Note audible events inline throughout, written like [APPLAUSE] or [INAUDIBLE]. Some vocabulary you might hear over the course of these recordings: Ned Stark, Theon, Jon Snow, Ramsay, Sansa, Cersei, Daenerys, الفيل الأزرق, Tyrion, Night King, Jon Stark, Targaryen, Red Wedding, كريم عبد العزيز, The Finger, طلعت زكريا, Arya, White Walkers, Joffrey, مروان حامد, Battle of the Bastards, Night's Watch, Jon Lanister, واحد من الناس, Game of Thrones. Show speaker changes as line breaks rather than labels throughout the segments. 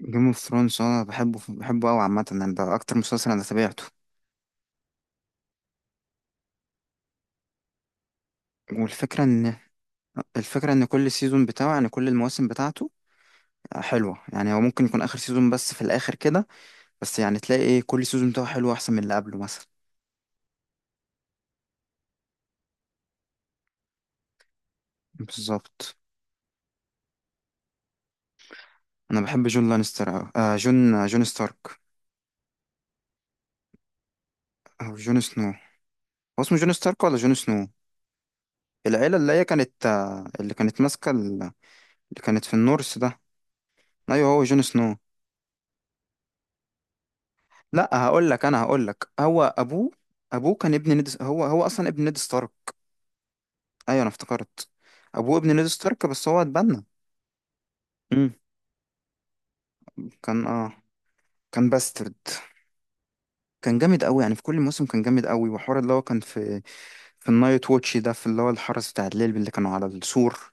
جيم اوف ثرونز، انا بحبه بحبه قوي عامه. يعني ده اكتر مسلسل انا تابعته. والفكره ان الفكره ان كل سيزون بتاعه، يعني كل المواسم بتاعته حلوه. يعني هو ممكن يكون اخر سيزون بس في الاخر كده، بس يعني تلاقي إيه، كل سيزون بتاعه حلو احسن من اللي قبله مثلا. بالظبط. انا بحب جون لانستر أوي. جون ستارك، او جون سنو. هو اسمه جون ستارك ولا جون سنو؟ العيله اللي هي كانت، اللي كانت ماسكه اللي كانت في النورث ده. ايوه هو جون سنو. لا هقول لك انا هقول لك، هو ابوه كان ابن نيد. هو اصلا ابن نيد ستارك. ايوه انا افتكرت، ابوه ابن نيد ستارك بس هو اتبنى. امم كان اه كان باسترد. كان جامد قوي، يعني في كل موسم كان جامد قوي. وحوار اللي هو كان في في النايت ووتش ده، في اللي هو الحرس بتاع الليل اللي كانوا على السور.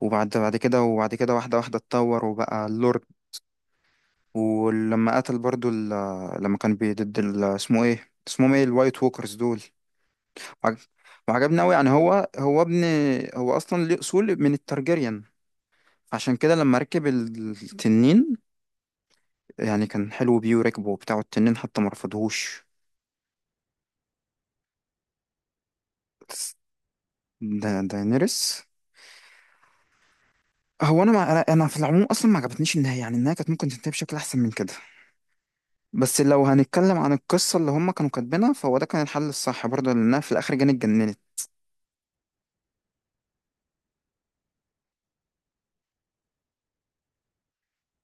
وبعد كده وبعد كده واحدة واحدة اتطور وبقى اللورد. ولما قتل برضو لما كان ضد اسمه ايه، اسمهم ايه الوايت ووكرز دول. وعج- وعجبني قوي. يعني هو اصلا ليه اصول من الترجيريان، عشان كده لما ركب التنين، يعني كان حلو بيه وركبه، وبتاع التنين حتى ما رفضهوش. دا داينيرس. هو انا ما انا أنا في العموم اصلا ما عجبتنيش النهايه. يعني النهايه كانت ممكن تنتهي بشكل احسن من كده، بس لو هنتكلم عن القصه اللي هم كانوا كاتبينها، فهو ده كان الحل الصح برضه، لانها في الاخر جاني اتجننت.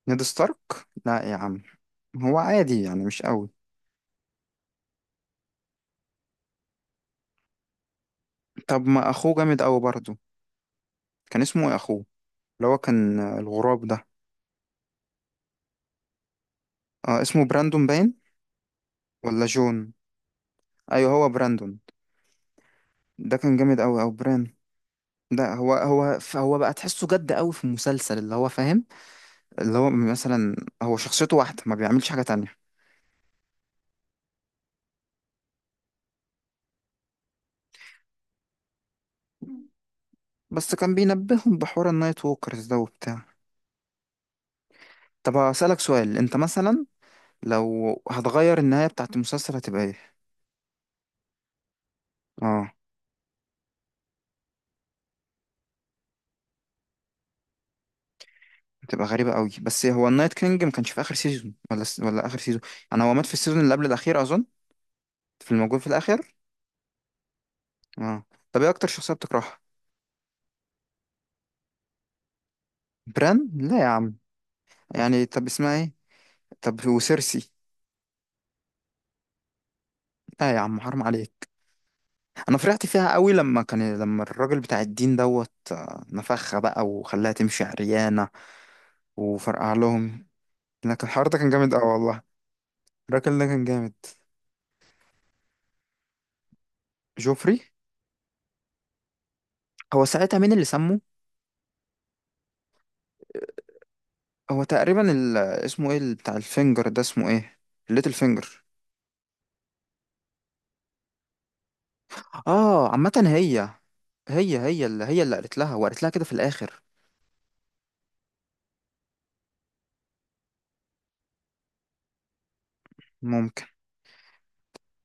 نيد ستارك؟ لا يا عم، هو عادي يعني، مش قوي. طب ما اخوه جامد قوي برضه. كان اسمه ايه اخوه؟ اللي هو كان، الغراب ده. اسمه براندون باين، ولا جون؟ ايوه هو براندون. ده كان جامد قوي، او بران. ده هو بقى تحسه جد قوي في المسلسل. اللي هو فاهم، اللي هو مثلا، هو شخصيته واحدة ما بيعملش حاجة تانية. بس كان بينبههم بحوار النايت ووكرز ده وبتاع. طب هسألك سؤال، انت مثلا لو هتغير النهاية بتاعت المسلسل هتبقى ايه؟ اه، هتبقى غريبة قوي، بس هو النايت كينج ما كانش في اخر سيزون، ولا اخر سيزون. انا هو مات في السيزون اللي قبل الاخير اظن. في الموجود في الاخر. اه. طب ايه اكتر شخصية بتكرهها؟ بران؟ لا يا عم. يعني طب اسمها ايه؟ طب وسيرسي؟ لا يا عم حرام عليك. انا فرحت فيها قوي لما كان، لما الراجل بتاع الدين دوت، نفخها بقى وخلاها تمشي عريانة وفرقع لهم. لكن الحوار ده كان جامد قوي والله. الراجل ده كان جامد. جوفري. هو ساعتها مين اللي سمه؟ هو تقريبا اسمه ايه بتاع الفينجر ده، اسمه ايه، الليتل فينجر. اه عامة هي، هي هي اللي، هي اللي قالت لها، وقالت لها كده في الاخر. ممكن.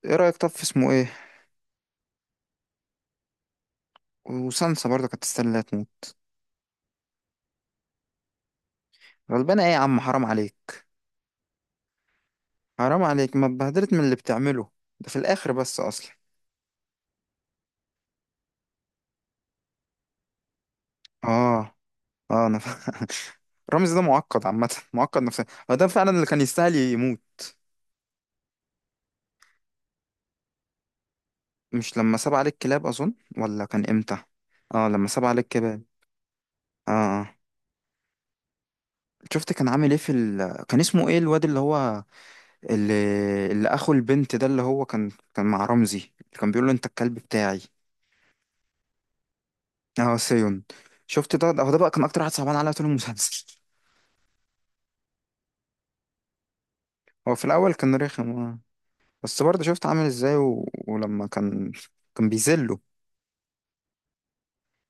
ايه رأيك طب في اسمه ايه. وسانسا برضه كانت تستاهل انها تموت. غلبانة ايه يا عم حرام عليك. حرام عليك، ما اتبهدلت من اللي بتعمله. ده في الاخر بس اصلا. اه، اه، [LAUGHS] رامز ده معقد، عامة معقد نفسيا. هو ده فعلا اللي كان يستاهل يموت. مش لما ساب عليك كلاب اظن، ولا كان امتى؟ اه لما ساب عليك كلاب. اه. شفت كان عامل ايه في [LAUGHS] كان اسمه ايه الواد اللي هو، اللي, اللي اخو البنت ده، اللي هو كان كان مع رمزي، اللي كان بيقول له انت الكلب بتاعي. اه سيون. شفت، ده هو ده بقى كان اكتر واحد صعبان عليا طول المسلسل. هو في الاول كان رخم. بس برضه شفت عامل ازاي ولما كان بيذله.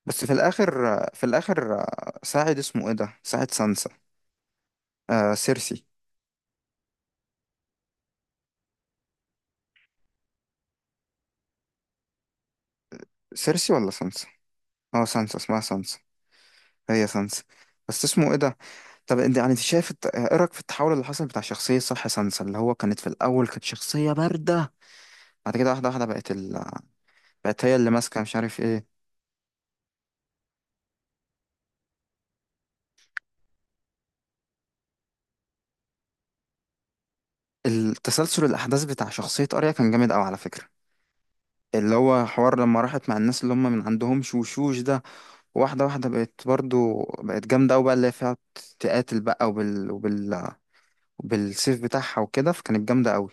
بس في الاخر، ساعد اسمه ايه ده، ساعد سانسا. آه سيرسي. سيرسي ولا سانسا؟ اه سانسا، اسمها سانسا. هي سانسا. بس اسمه ايه ده. طب انت يعني، انت شايف ايه رايك في التحول اللي حصل بتاع شخصيه، صح، سانسا؟ اللي هو كانت في الاول كانت شخصيه بارده، بعد كده واحده واحده بقت هي اللي ماسكه مش عارف ايه. التسلسل الأحداث بتاع شخصية أريا كان جامد أوي على فكرة. اللي هو حوار لما راحت مع الناس اللي هم من عندهم شوشوش ده. واحدة واحدة بقت برضو، بقت جامدة أوي، بقى اللي هي فيها تقاتل بقى، بالسيف بتاعها وكده، فكانت جامدة أوي.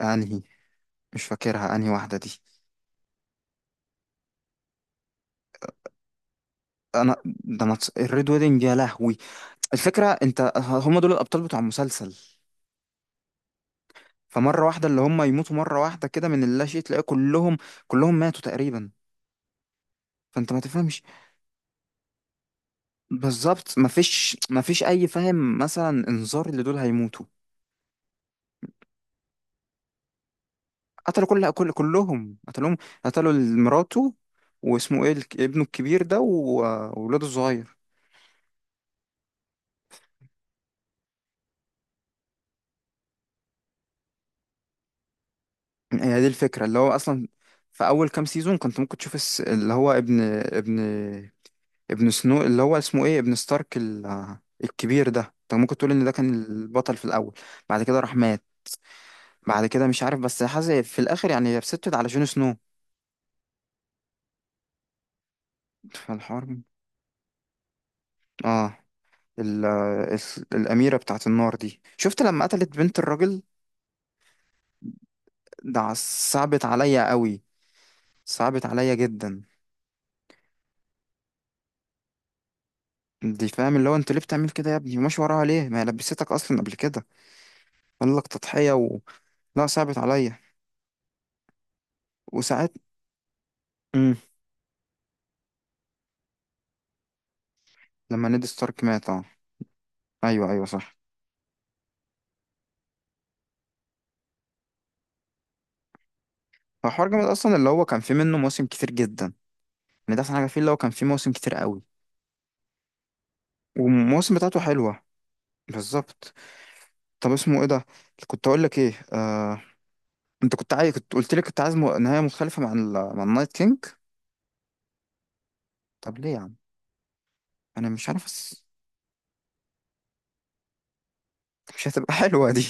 أنهي؟ مش فاكرها أنهي واحدة دي. أنا ده أنا اتس- الريد ويدنج يا لهوي. الفكرة أنت هم دول الأبطال بتوع المسلسل، فمرة واحده اللي هم يموتوا مرة واحدة كده من اللاشيء. تلاقي كلهم، كلهم ماتوا تقريبا. فأنت ما تفهمش. بالظبط، مفيش اي فاهم مثلا انذار اللي دول هيموتوا. قتلوا كل كل كلهم قتلوهم، قتلوا مراته واسمه ايه ابنه الكبير ده وولاده الصغير. هي دي الفكره اللي هو اصلا. في اول كام سيزون كنت ممكن تشوف اللي هو ابن سنو، اللي هو اسمه ايه، ابن ستارك الكبير ده. انت ممكن تقول ان ده كان البطل في الاول. بعد كده راح مات. بعد كده مش عارف، بس حاسس في الاخر يعني هي بسته على جون سنو. فالحوار، اه ال- الأميرة بتاعت النار دي، شفت لما قتلت بنت الراجل. ده ع- صعبت عليا قوي، صعبت عليا جدا. دي فاهم اللي هو، انت ليه بتعمل كده يا ابني؟ وماشي وراها ليه، ما هي لبستك اصلا قبل كده. قال لك تضحية لا، صعبت عليا. وساعات. امم لما نيد ستارك مات، اه، ايوه ايوه صح. هو حوار جامد اصلا اللي هو كان فيه منه مواسم كتير جدا. يعني ده احسن حاجة فيه، اللي هو كان فيه مواسم كتير قوي، والمواسم بتاعته حلوة. بالظبط. طب اسمه ايه ده. كنت اقول لك ايه. انت كنت عايز، كنت قلت لي، كنت عايز نهايه مختلفه مع النايت كينج. طب ليه يا عم؟ انا مش عارف، بس مش هتبقى حلوه دي. [LAUGHS]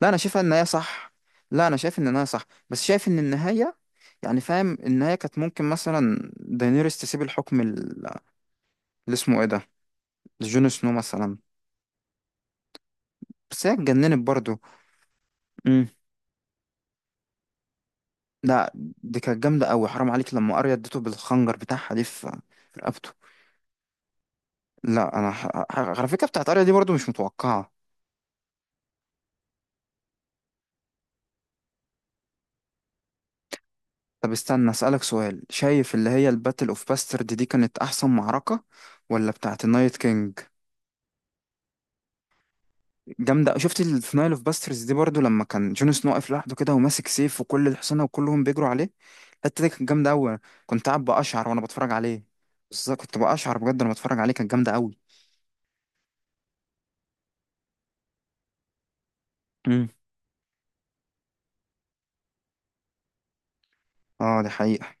لا انا شايفها النهايه صح. لا انا شايف ان النهايه صح، بس شايف ان النهايه، يعني فاهم، النهايه كانت ممكن مثلا داينيريس تسيب الحكم اللي اسمه ايه ده، لجون سنو مثلا، بس هي اتجننت برضه. امم. لا، دي كانت جامده قوي حرام عليك، لما اريا اديته بالخنجر بتاعها دي في في رقبته. لا انا على فكره بتاعت اريا دي برضه مش متوقعه. طب استنى أسألك سؤال، شايف اللي هي الباتل اوف باسترد دي كانت احسن معركة، ولا بتاعة النايت كينج؟ جامدة. شفت في نايل اوف باسترز دي برضو، لما كان جون سنو واقف لوحده كده وماسك سيف، وكل الحصنة وكلهم بيجروا عليه. الحتة دي كانت جامدة أوي. كنت قاعد بقشعر وأنا بتفرج عليه. بالظبط، كنت بقشعر بجد لما بتفرج عليه، كانت جامدة أوي. امم. اه دي حقيقة.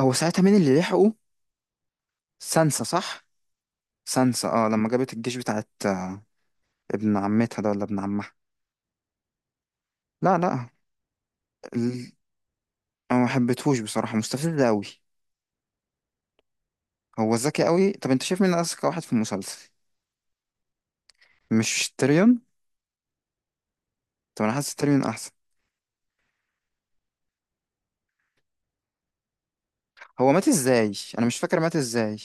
هو ساعتها مين اللي لحقه؟ سانسا صح. سانسا، اه لما جابت الجيش بتاعت، ابن عمتها ده ولا ابن عمها. لا لا. ال... انا ما حبيتهوش بصراحة، مستفز أوي. هو ذكي قوي، طب انت شايف مين اذكى واحد في المسلسل؟ مش تيريون؟ طب انا حاسس تيريون احسن. هو مات ازاي؟ انا مش فاكر مات ازاي.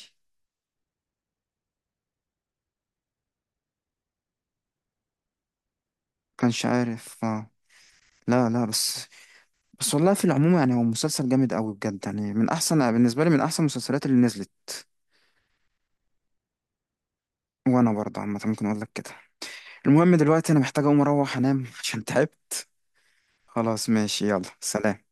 كانش عارف اه. لا لا، بس. بس والله في العموم يعني هو مسلسل جامد قوي بجد. يعني من احسن بالنسبه لي، من احسن المسلسلات اللي نزلت. وانا برضه عامه ممكن اقول لك كده. المهم دلوقتي انا محتاج اقوم اروح انام عشان تعبت. خلاص ماشي يلا سلام.